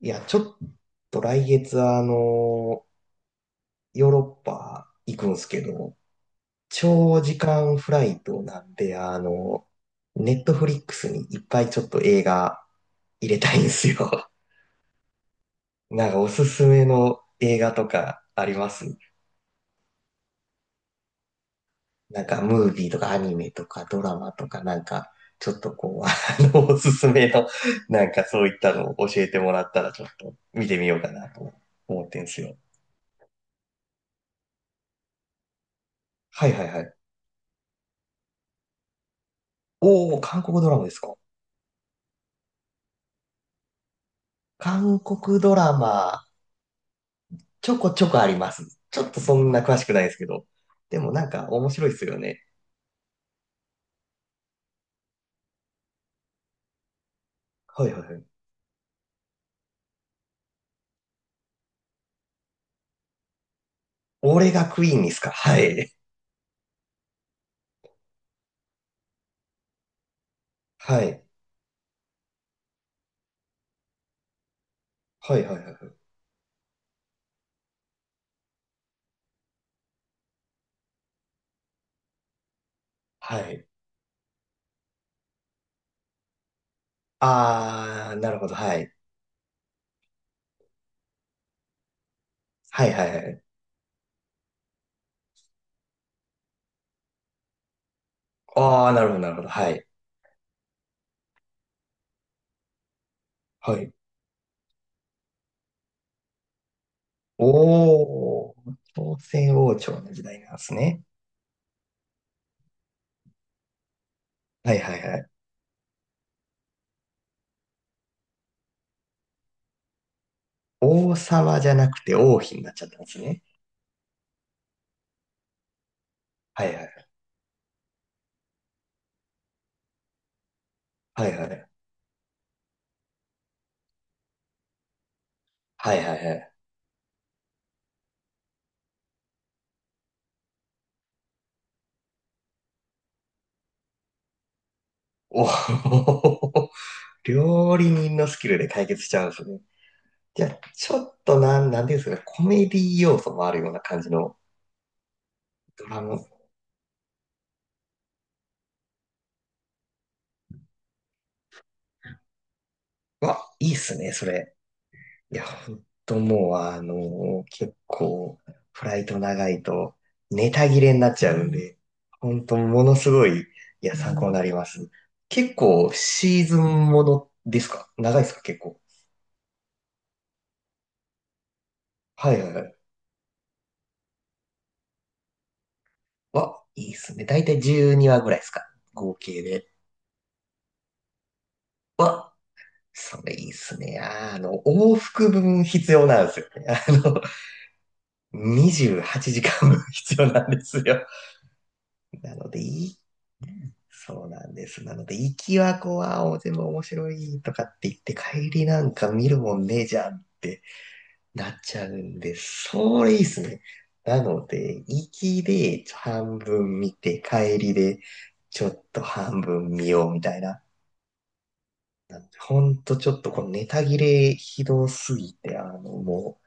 いや、ちょっと来月ヨーロッパ行くんすけど、長時間フライトなんで、ネットフリックスにいっぱいちょっと映画入れたいんですよ。なんかおすすめの映画とかあります？なんかムービーとかアニメとかドラマとかなんか、ちょっとこう、おすすめの、なんかそういったのを教えてもらったらちょっと見てみようかなと思ってんすよ。はいはいはい。おー、韓国ドラマですか？韓国ドラマ、ちょこちょこあります。ちょっとそんな詳しくないですけど。でもなんか面白いですよね。はいはいはい。俺がクイーンですか？はい。はい。はいはいはいはい。はい。あー、なるほど。はい。はいはいはい。あー、なるほどなるほど。はい。はい。おー、朝鮮王朝の時代なんですね。はいはいはい。王様じゃなくて王妃になっちゃったんですね。はいはい。はいはい。はいはいはい。おー、料理人のスキルで解決しちゃうんですね。じゃあ、ちょっとなんていうんですかね、コメディ要素もあるような感じのドラマ。わ、いいっすね、それ。いや、ほんともう、結構、フライト長いと、ネタ切れになっちゃうんで、ほんと、ものすごい、いや、参考になります。結構、シーズンものですか？長いですか？結構。はいはいはい。わ、いいっすね。だいたい12話ぐらいですか？合計で。わ、それいいっすね。往復分必要なんですよね。28時間分 必要なんですよ。なので、いい。そうなんです。なので、行きはこう、全部面白いとかって言って、帰りなんか見るもんねえじゃんってなっちゃうんで、それいいっすね。なので、行きで半分見て、帰りでちょっと半分見ようみたいな。ほんとちょっとこのネタ切れひどすぎて、も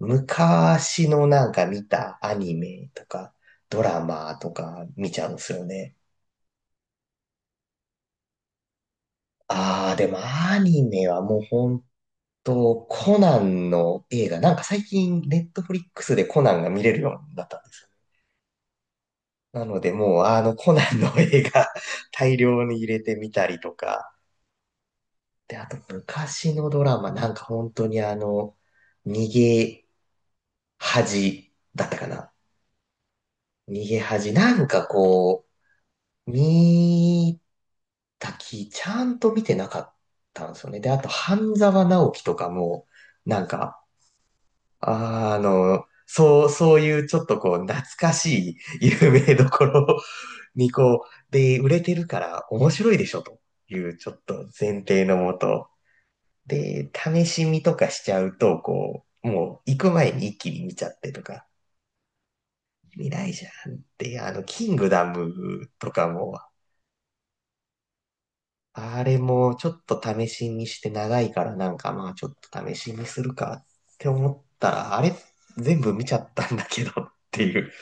う、昔のなんか見たアニメとか、ドラマとか見ちゃうんですよね。ああ、でもアニメはもうほんと、コナンの映画、なんか最近ネットフリックスでコナンが見れるようになったんですよ。なのでもうコナンの映画 大量に入れてみたりとか、で、あと昔のドラマ、なんか本当に逃げ恥だったかな。逃げ恥。なんかこう、見たき、ちゃんと見てなかったんですよね。で、あと、半沢直樹とかも、なんか、そう、そういうちょっとこう、懐かしい有名どころにこう、で、売れてるから面白いでしょというちょっと前提のもと、で、試し見とかしちゃうと、こう、もう行く前に一気に見ちゃってとか、見ないじゃんって、キングダムとかも、あれもちょっと試し見して長いからなんかまあちょっと試し見するかって思ったら、あれ全部見ちゃったんだけどっていう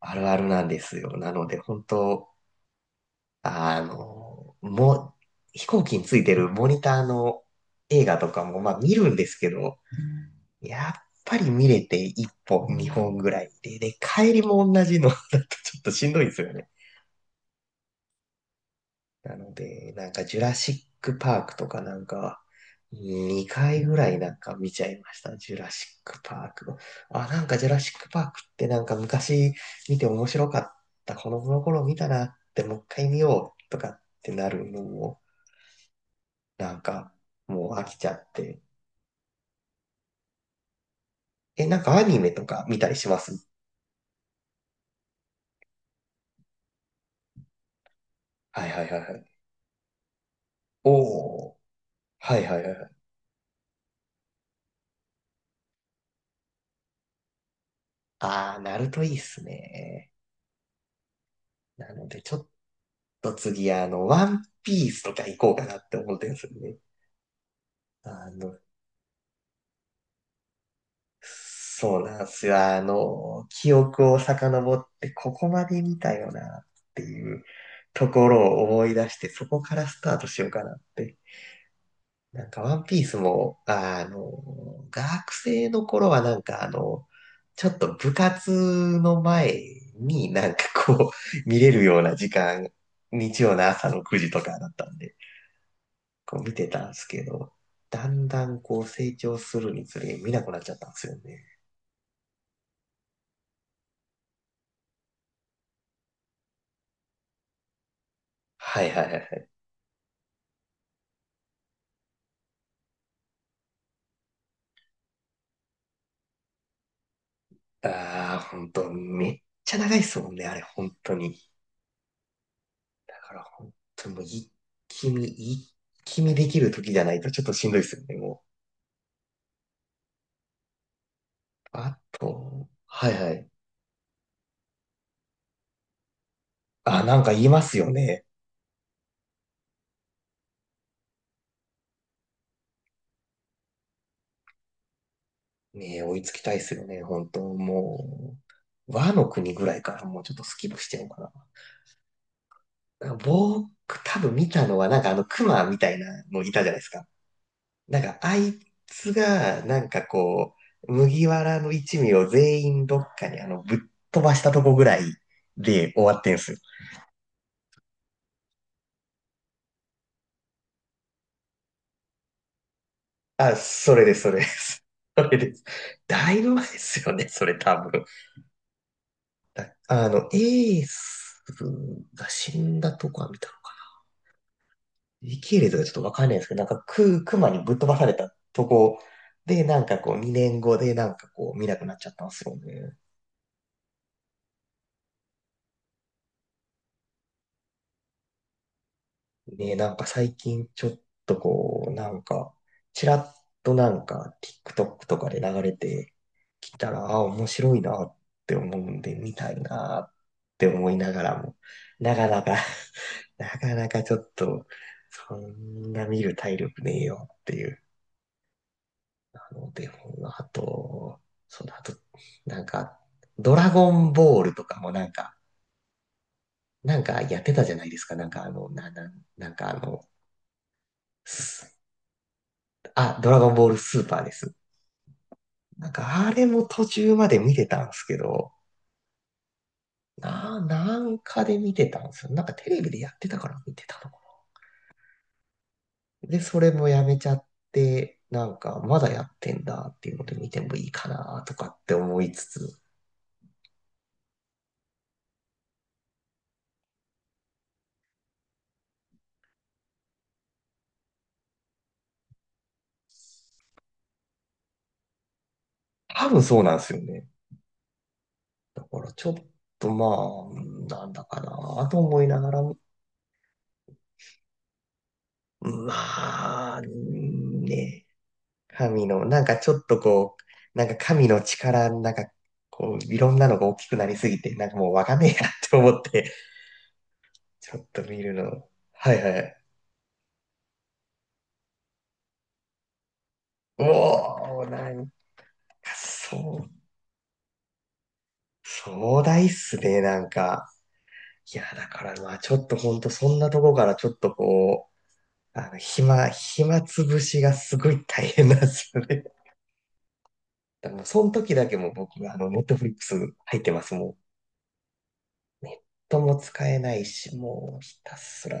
あるあるなんですよ。なので本当、もう飛行機についてるモニターの映画とかもまあ見るんですけど、やっぱり見れて一本二本ぐらいで、で、帰りも同じのだとちょっとしんどいんですよね。なので、なんかジュラシックパークとかなんか、2回ぐらいなんか見ちゃいました。ジュラシックパーク。あ、なんかジュラシックパークってなんか昔見て面白かった。この頃見たなってもう一回見ようとかってなるのも、なんかもう飽きちゃって。え、なんかアニメとか見たりします？はいはいはいはい。おー。はいはいはいはい。あー、ナルトいいっすね。なのでちょっと次ワンピースとか行こうかなって思ってるんですよね。あの、そうなんですよ。記憶を遡って、ここまで見たよなっていうところを思い出して、そこからスタートしようかなって。なんか、ワンピースも、学生の頃はなんか、ちょっと部活の前になんかこう、見れるような時間、日曜の朝の9時とかだったんで、こう見てたんですけど、だんだんこう成長するにつれ見なくなっちゃったんですよね。はいはいはいはい。ああ、本当めっちゃ長いっすもんね、あれ、本当に。だから本当もう一気見、一気見できる時じゃないとちょっとしんどいっすよね、もう。あと、はいはい。あ、なんか言いますよね。ねえ、追いつきたいっすよね、本当もう。和の国ぐらいからもうちょっとスキップしちゃおうかな。僕、多分見たのはなんかあの熊みたいなのいたじゃないですか。なんか、あいつが、なんかこう、麦わらの一味を全員どっかにぶっ飛ばしたとこぐらいで終わってんすよ。あ、それです、それです。それです。だいぶ前ですよね、それ多分。だあの、エースが死んだとこは見たのか。時系列がちょっとわかんないんですけど、なんかクマにぶっ飛ばされたとこで、なんかこう、2年後でなんかこう、見なくなっちゃったんですよね。ね、なんか最近ちょっとこう、なんか、ちらっとなんか TikTok とかで流れてきたら、あ、面白いなって思うんで、見たいなって思いながらも、なかなか なかなかちょっと、そんな見る体力ねえよっていう。なので、あと、そうだ、あと、なんか、ドラゴンボールとかもなんか、なんかやってたじゃないですか。なんかあの、な、な、なんかあの、すあ、ドラゴンボールスーパーです。なんかあれも途中まで見てたんですけど、なんかで見てたんですよ。なんかテレビでやってたから見てたの。で、それもやめちゃって、なんかまだやってんだっていうので見てもいいかなとかって思いつつ、多分そうなんですよね。だからちょっとまあ、なんだかなと思いながら、まあ、ね、なんかちょっとこう、なんか神の力、なんかこう、いろんなのが大きくなりすぎて、なんかもうわかんねえやって思って、ちょっと見るの。はいはい。おお、なんかそう、壮大っすね、なんか。いや、だからまあちょっとほんとそんなとこからちょっとこう、暇つぶしがすごい大変なんですよね。だからもうその時だけもう僕がネットフリックス入ってます、もう。とも使えないし、もうひたすら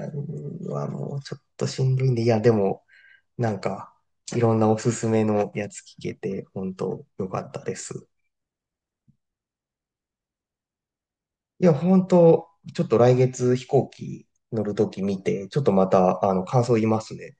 はもうちょっとしんどいんで、いや、でも、なんか、いろんなおすすめのやつ聞けて、本当よかったです。いや、本当ちょっと来月飛行機乗るとき見て、ちょっとまた、感想言いますね。